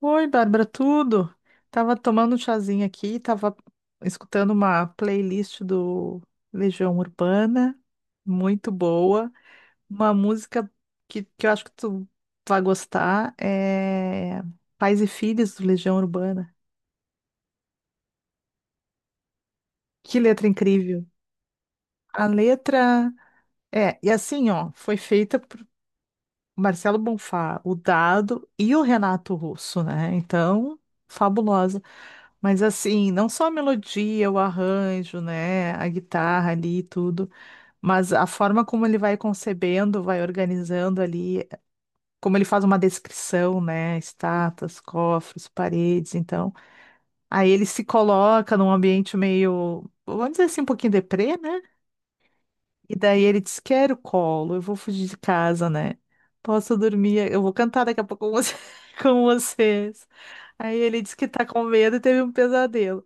Oi, Bárbara, tudo? Tava tomando um chazinho aqui, tava escutando uma playlist do Legião Urbana, muito boa. Uma música que eu acho que tu vai gostar é Pais e Filhos do Legião Urbana. Que letra incrível! A letra assim, ó, foi feita o Marcelo Bonfá, o Dado e o Renato Russo, né? Então, fabulosa. Mas assim, não só a melodia, o arranjo, né, a guitarra ali e tudo, mas a forma como ele vai concebendo, vai organizando ali, como ele faz uma descrição, né, estátuas, cofres, paredes, então, aí ele se coloca num ambiente meio, vamos dizer assim, um pouquinho deprê, né? E daí ele disse: Quero colo, eu vou fugir de casa, né? Posso dormir, eu vou cantar daqui a pouco com você- com vocês. Aí ele disse que tá com medo e teve um pesadelo.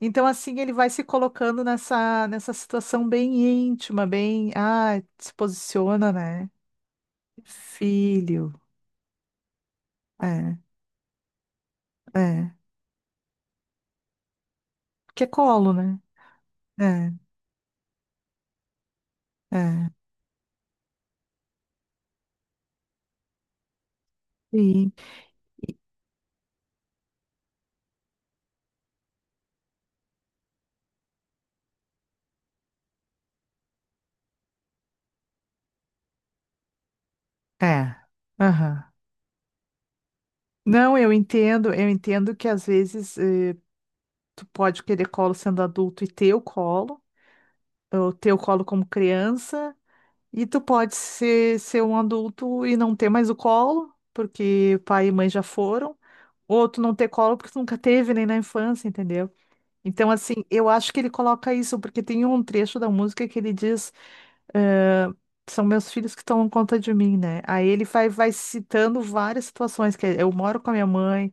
Então, assim, ele vai se colocando nessa situação bem íntima, bem. Ah, se posiciona, né? Filho. É, é. Porque é colo, né? É, é. Sim. É. Aham. Não, eu entendo que às vezes. Tu pode querer colo sendo adulto e ter o colo, ou ter o colo como criança, e tu pode ser um adulto e não ter mais o colo, porque pai e mãe já foram, ou tu não ter colo porque tu nunca teve nem na infância, entendeu? Então, assim, eu acho que ele coloca isso, porque tem um trecho da música que ele diz, eh, são meus filhos que tomam conta de mim, né? Aí ele vai citando várias situações, que é, eu moro com a minha mãe,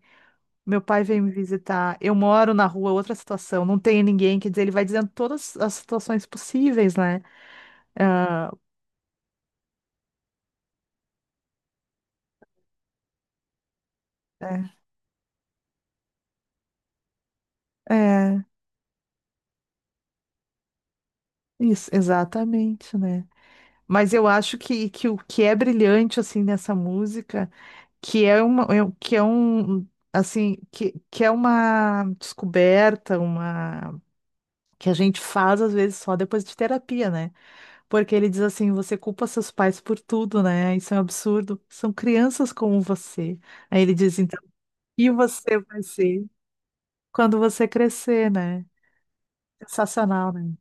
meu pai veio me visitar. Eu moro na rua, outra situação. Não tem ninguém. Quer dizer, ele vai dizendo todas as situações possíveis, né? É, é, é, isso, exatamente, né? Mas eu acho que o que é brilhante, assim, nessa música, que é uma, que é um, assim, que é uma descoberta, uma, que a gente faz, às vezes, só depois de terapia, né? Porque ele diz assim, você culpa seus pais por tudo, né? Isso é um absurdo. São crianças como você. Aí ele diz, E você vai ser quando você crescer, né? Sensacional, né?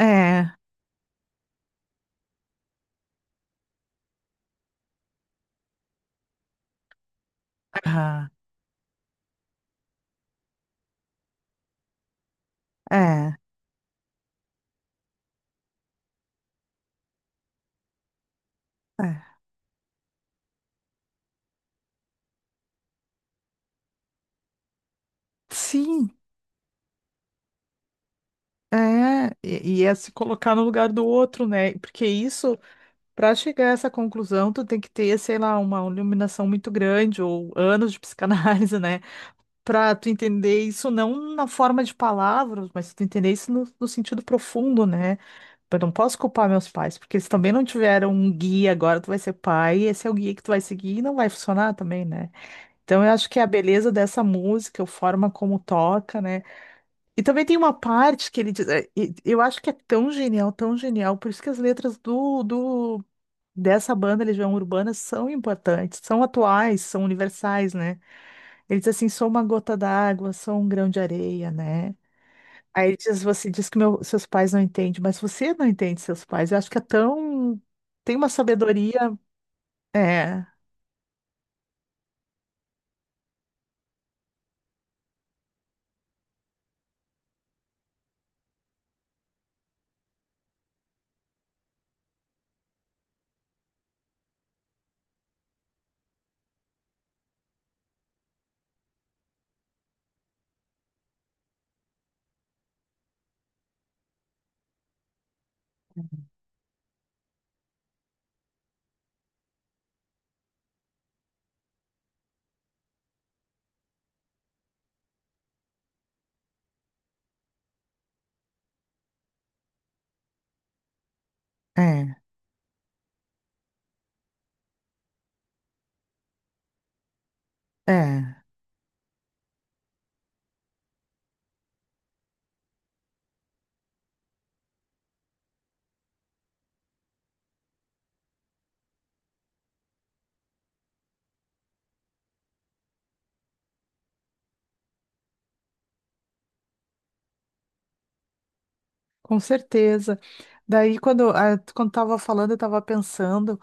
É, ah, é, é. Sim, é. E é se colocar no lugar do outro, né? Porque isso, para chegar a essa conclusão, tu tem que ter, sei lá, uma iluminação muito grande ou anos de psicanálise, né? Para tu entender isso não na forma de palavras, mas tu entender isso no sentido profundo, né? Eu não posso culpar meus pais, porque eles também não tiveram um guia. Agora tu vai ser pai, e esse é o guia que tu vai seguir e não vai funcionar também, né? Então eu acho que é a beleza dessa música, a forma como toca, né? E também tem uma parte que ele diz, é, e eu acho que é tão genial, por isso que as letras do, do dessa banda Legião Urbana são importantes, são atuais, são universais, né? Ele diz assim: sou uma gota d'água, sou um grão de areia, né? Aí diz, você diz que seus pais não entendem, mas você não entende seus pais. Eu acho que é tão. Tem uma sabedoria. É, é, é, com certeza. Daí, quando tava falando, eu tava pensando.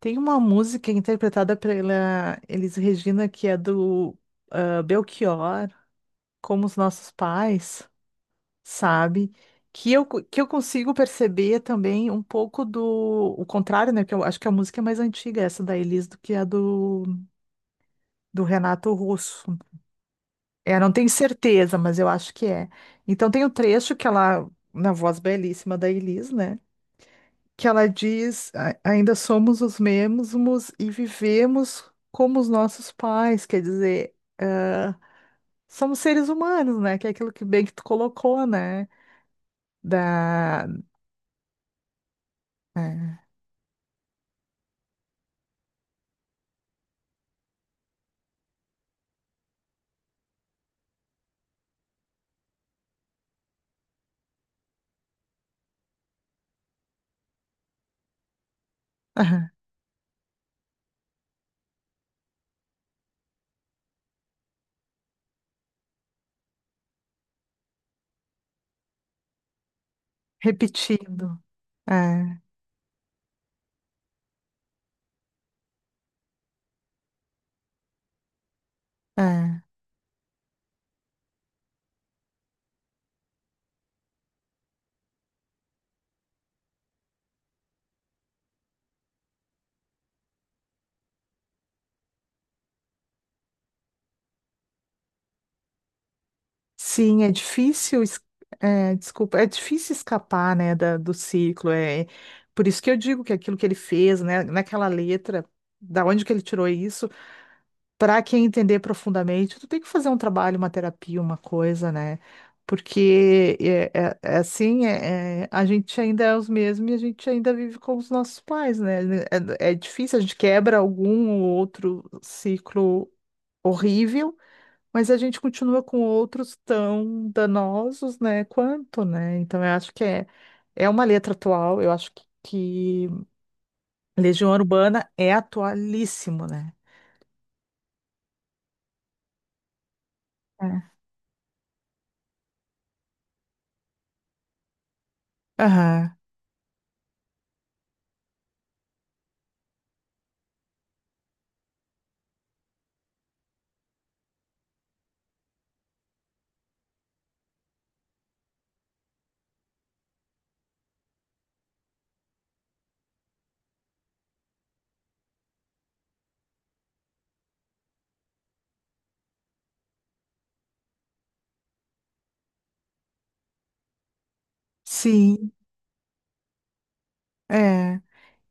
Tem uma música interpretada pela Elis Regina, que é do Belchior, Como os Nossos Pais, sabe? Que eu, que eu consigo perceber também um pouco do o contrário, né? Que eu acho que a música é mais antiga, essa da Elis, do que a do Renato Russo. É, não tenho certeza, mas eu acho que é. Então tem o trecho que ela, na voz belíssima da Elis, né? Que ela diz: ainda somos os mesmos e vivemos como os nossos pais, quer dizer, ah, somos seres humanos, né? Que é aquilo que bem que tu colocou, né? Da, é, repetindo. É, é. Sim, é difícil, desculpa, é difícil escapar, né, do ciclo. É é por isso que eu digo que aquilo que ele fez, né, naquela letra, da onde que ele tirou isso, para quem entender profundamente, tu tem que fazer um trabalho, uma terapia, uma coisa, né? Porque é assim, é, a gente ainda é os mesmos e a gente ainda vive com os nossos pais, né? É, é difícil, a gente quebra algum ou outro ciclo horrível. Mas a gente continua com outros tão danosos, né, quanto, né? Então eu acho que é, é uma letra atual, eu acho que Legião Urbana é atualíssimo, né? É. Aham, sim, é.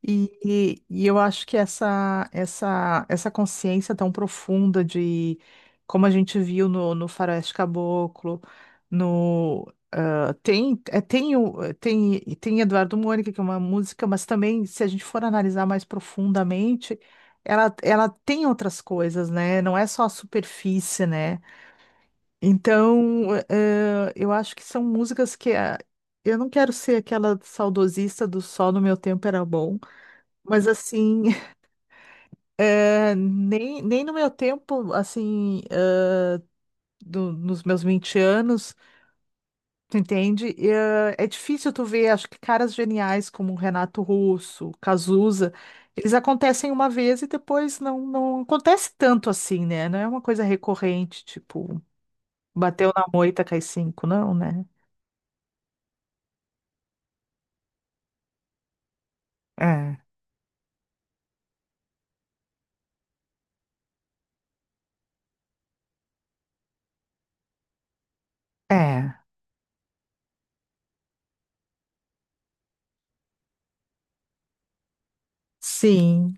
E eu acho que essa consciência tão profunda de como a gente viu no Faroeste Caboclo, no ah, tem, é, tem, o- eh, tem, tem Eduardo Mônica, que é uma música, mas também, se a gente for analisar mais profundamente, ela tem outras coisas, né? Não é só a superfície, né? Então, eu acho que são músicas que eu não quero ser aquela saudosista do só no meu tempo era bom. Mas assim, nem no meu tempo, assim, nos meus 20 anos, tu entende? E, é difícil tu ver, acho que caras geniais como o Renato Russo, Cazuza, eles acontecem uma vez e depois não acontece tanto assim, né? Não é uma coisa recorrente, tipo, bateu na moita, cai cinco, não, né? É, é, sim.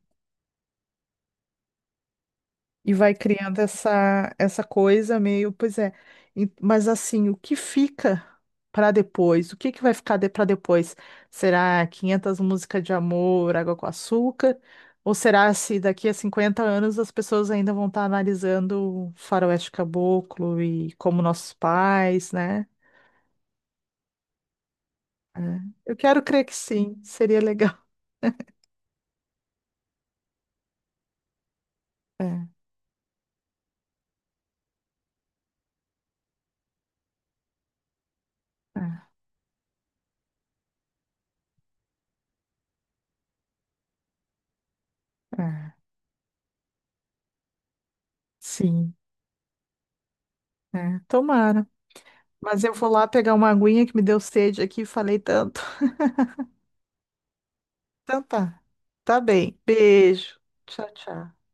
E vai criando essa, essa coisa meio, pois é. Mas assim, o que fica para depois? O que que vai ficar de, para depois? Será 500 músicas de amor, água com açúcar? Ou será se daqui a 50 anos as pessoas ainda vão estar analisando Faroeste Caboclo e como nossos pais, né? É. Eu quero crer que sim, seria legal. É, é, é. Sim, é. Tomara. Mas eu vou lá pegar uma aguinha que me deu sede aqui, falei tanto. Então tá. Tá bem. Beijo. Tchau, tchau.